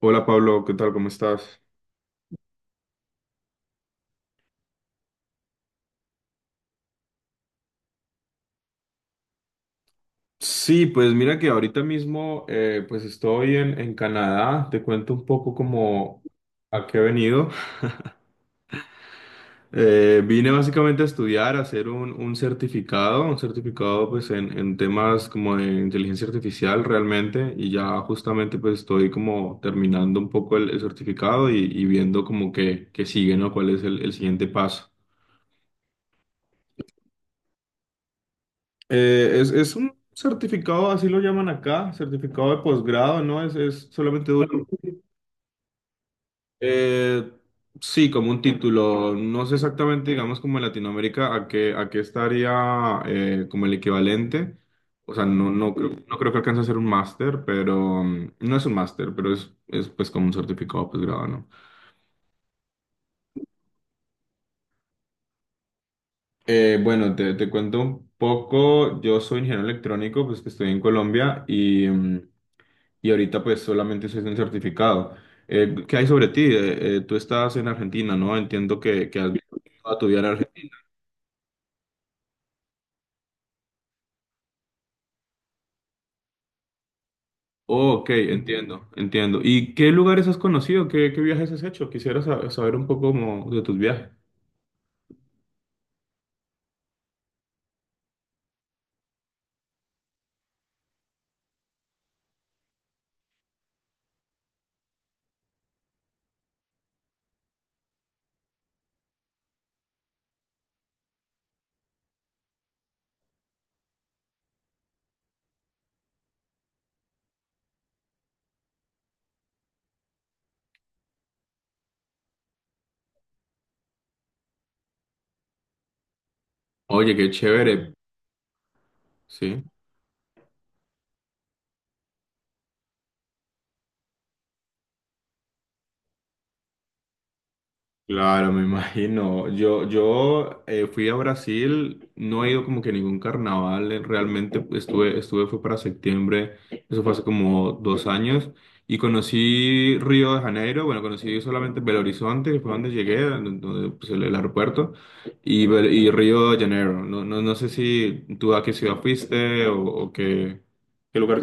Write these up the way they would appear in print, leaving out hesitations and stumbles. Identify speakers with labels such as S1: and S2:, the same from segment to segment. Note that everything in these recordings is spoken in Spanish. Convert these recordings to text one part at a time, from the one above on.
S1: Hola Pablo, ¿qué tal? ¿Cómo estás? Sí, pues mira que ahorita mismo pues estoy en Canadá. Te cuento un poco como a qué he venido. Vine básicamente a estudiar, a hacer un certificado, un certificado pues en temas como de inteligencia artificial realmente y ya justamente pues estoy como terminando un poco el certificado y viendo como que sigue, ¿no? ¿Cuál es el siguiente paso? Es un certificado, así lo llaman acá, certificado de posgrado, ¿no? Es solamente dura. eh, sí, como un título. No sé exactamente, digamos, como en Latinoamérica, a qué estaría como el equivalente. O sea, creo, no creo que alcance a ser un máster, pero no es un máster, pero es pues como un certificado de posgrado, ¿no? Bueno, te cuento un poco. Yo soy ingeniero electrónico, pues que estoy en Colombia y... y ahorita pues solamente es un certificado. ¿Qué hay sobre ti? Tú estás en Argentina, ¿no? Entiendo que has vivido toda tu vida en Argentina. Oh, ok, entiendo, entiendo. ¿Y qué lugares has conocido? ¿Qué viajes has hecho? Quisiera saber un poco como de tus viajes. Oye, qué chévere, sí. Claro, me imagino. Yo fui a Brasil, no he ido como que a ningún carnaval, realmente estuve, fue para septiembre, eso fue hace como dos años, y conocí Río de Janeiro, bueno, conocí solamente Belo Horizonte, que fue donde llegué, donde, pues, el aeropuerto, y, y Río de Janeiro. No sé si tú a qué ciudad fuiste o qué lugar.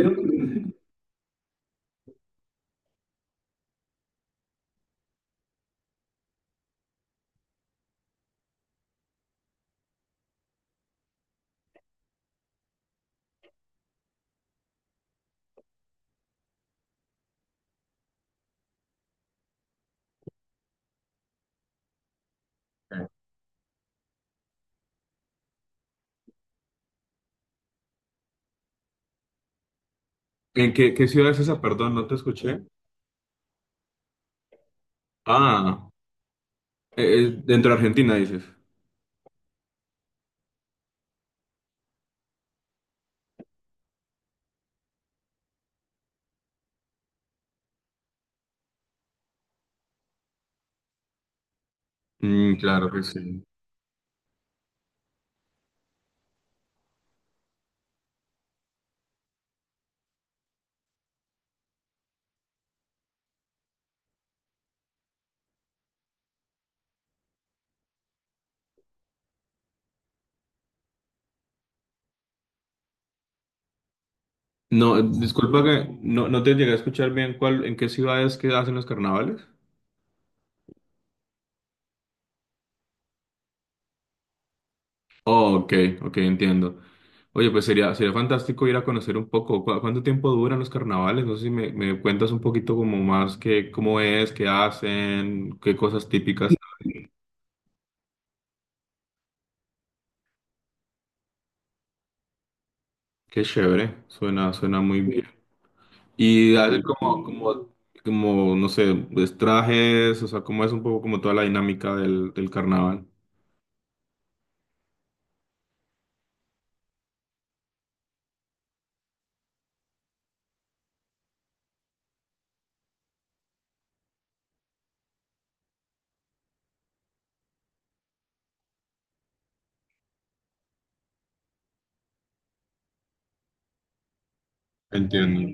S1: ¿En qué ciudad es esa? Perdón, no te escuché. Ah, dentro de Argentina, dices. Mm, claro que sí. No, disculpa que no te llegué a escuchar bien cuál, en qué ciudades que hacen los carnavales. Oh, ok, ok, entiendo. Oye, pues sería fantástico ir a conocer un poco. ¿Cuánto tiempo duran los carnavales? No sé si me cuentas un poquito como más que cómo es, qué hacen, qué cosas típicas. Qué chévere, suena muy bien. Y hacen como no sé, pues, trajes, o sea, cómo es un poco como toda la dinámica del carnaval. Entiendo.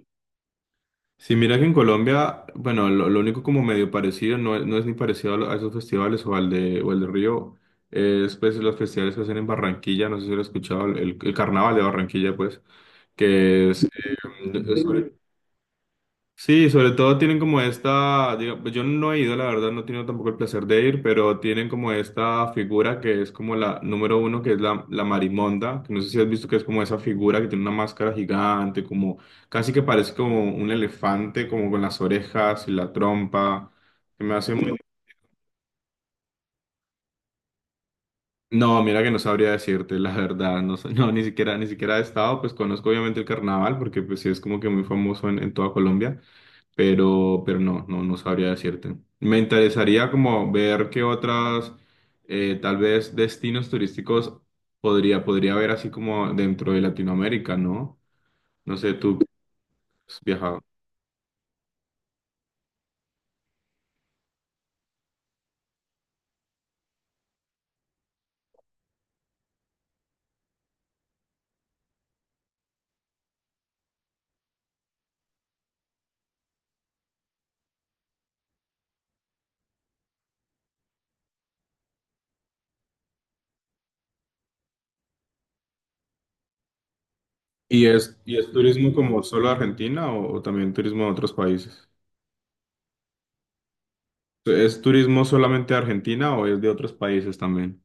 S1: Sí, mira que en Colombia, bueno, lo único como medio parecido, no, es no es ni parecido a, a esos festivales o al de, o el de Río, es pues los festivales que hacen en Barranquilla, no sé si lo has escuchado, el carnaval de Barranquilla, pues, que es sobre, Sí, sobre todo tienen como esta, pues yo no he ido, la verdad, no he tenido tampoco el placer de ir, pero tienen como esta figura que es como la número uno, que es la Marimonda, que no sé si has visto que es como esa figura que tiene una máscara gigante, como casi que parece como un elefante, como con las orejas y la trompa, que me hace muy... No, mira que no sabría decirte, la verdad, no, sé- no, ni siquiera he estado, pues conozco obviamente el carnaval, porque pues sí es como que muy famoso en toda Colombia. Pero no sabría decirte. Me interesaría como ver qué otras, tal vez, destinos turísticos podría haber así como dentro de Latinoamérica, ¿no? No sé, tú que has viajado. ¿Y es turismo como solo de Argentina o también turismo de otros países? ¿Es turismo solamente de Argentina o es de otros países también?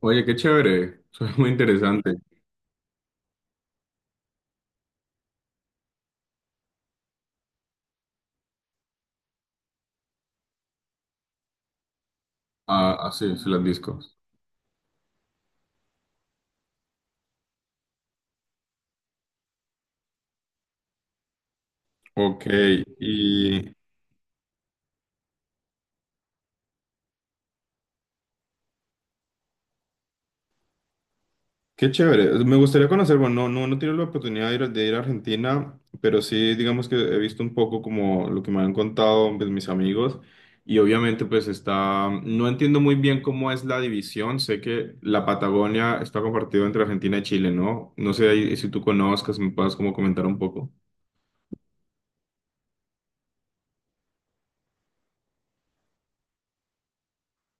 S1: Oye, qué chévere, suena muy interesante. Ah, ah, sí, sí, los discos. Ok, y, qué chévere. Me gustaría conocer, bueno, no he tenido la oportunidad de ir a Argentina, pero sí, digamos que he visto un poco como lo que me han contado pues, mis amigos y obviamente pues está, no entiendo muy bien cómo es la división. Sé que la Patagonia está compartida entre Argentina y Chile, ¿no? No sé ahí si tú conozcas, me puedas como comentar un poco.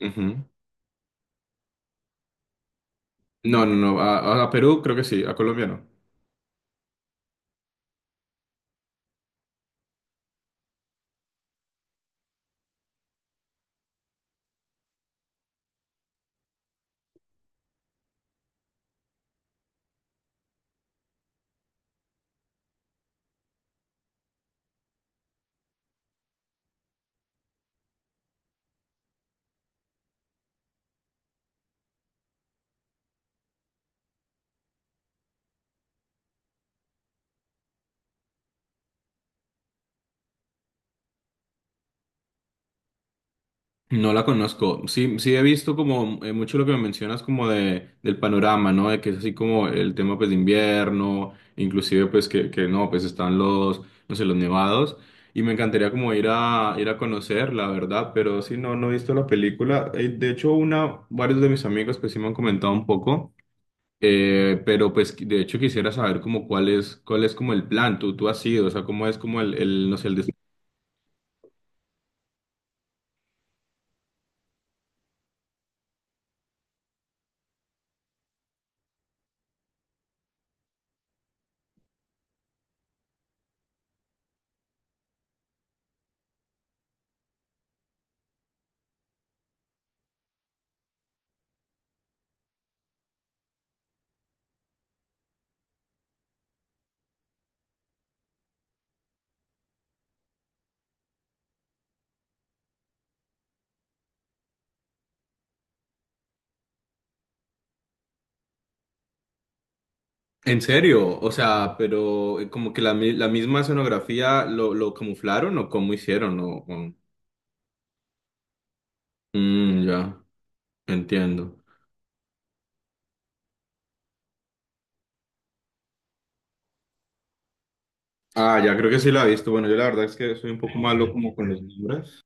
S1: Ujú. No, no, no, a, a Perú creo que sí, a Colombia no. No la conozco. Sí, sí he visto como mucho lo que me mencionas como de del panorama, ¿no? De que es así como el tema pues de invierno, inclusive pues que no, pues están los, no sé, los nevados. Y me encantaría como ir a ir a conocer, la verdad, pero sí no, no he visto la película. De hecho, una, varios de mis amigos pues sí me han comentado un poco. Pero pues de hecho quisiera saber como cuál es como el plan, tú has ido, o sea, cómo es como el no sé, el En serio, o sea, pero como que la misma escenografía lo camuflaron o cómo hicieron, o- Mm, ya, entiendo. Ah, ya creo que sí la he visto. Bueno, yo la verdad es que soy un poco malo como con los nombres.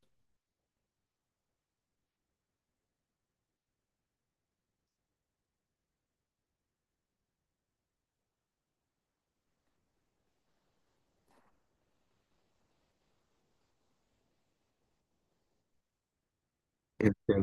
S1: Este,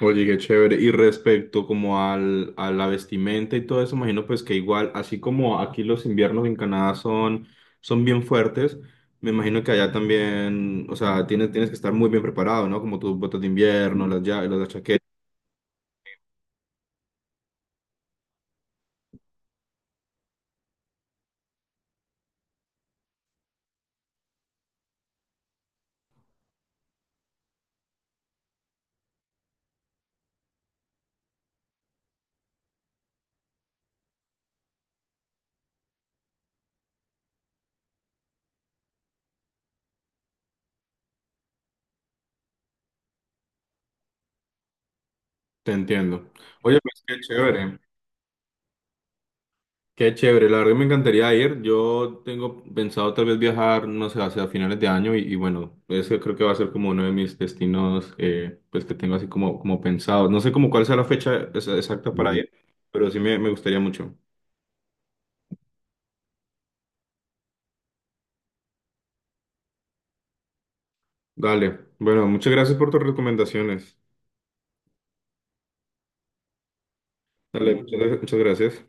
S1: oye, qué chévere. Y respecto como al, a la vestimenta y todo eso, imagino pues que igual, así como aquí los inviernos en Canadá son, son bien fuertes, me imagino que allá también, o sea, tienes que estar muy bien preparado, ¿no? Como tus botas de invierno, las, ya, las chaquetas. Te entiendo. Oye, pues qué chévere, qué chévere. La verdad que me encantaría ir. Yo tengo pensado tal vez viajar, no sé, hacia finales de año y bueno, ese creo que va a ser como uno de mis destinos, pues que tengo así como, como pensado. No sé como cuál sea la fecha exacta para ir, pero sí me gustaría mucho. Dale. Bueno, muchas gracias por tus recomendaciones. Dale, muchas muchas gracias.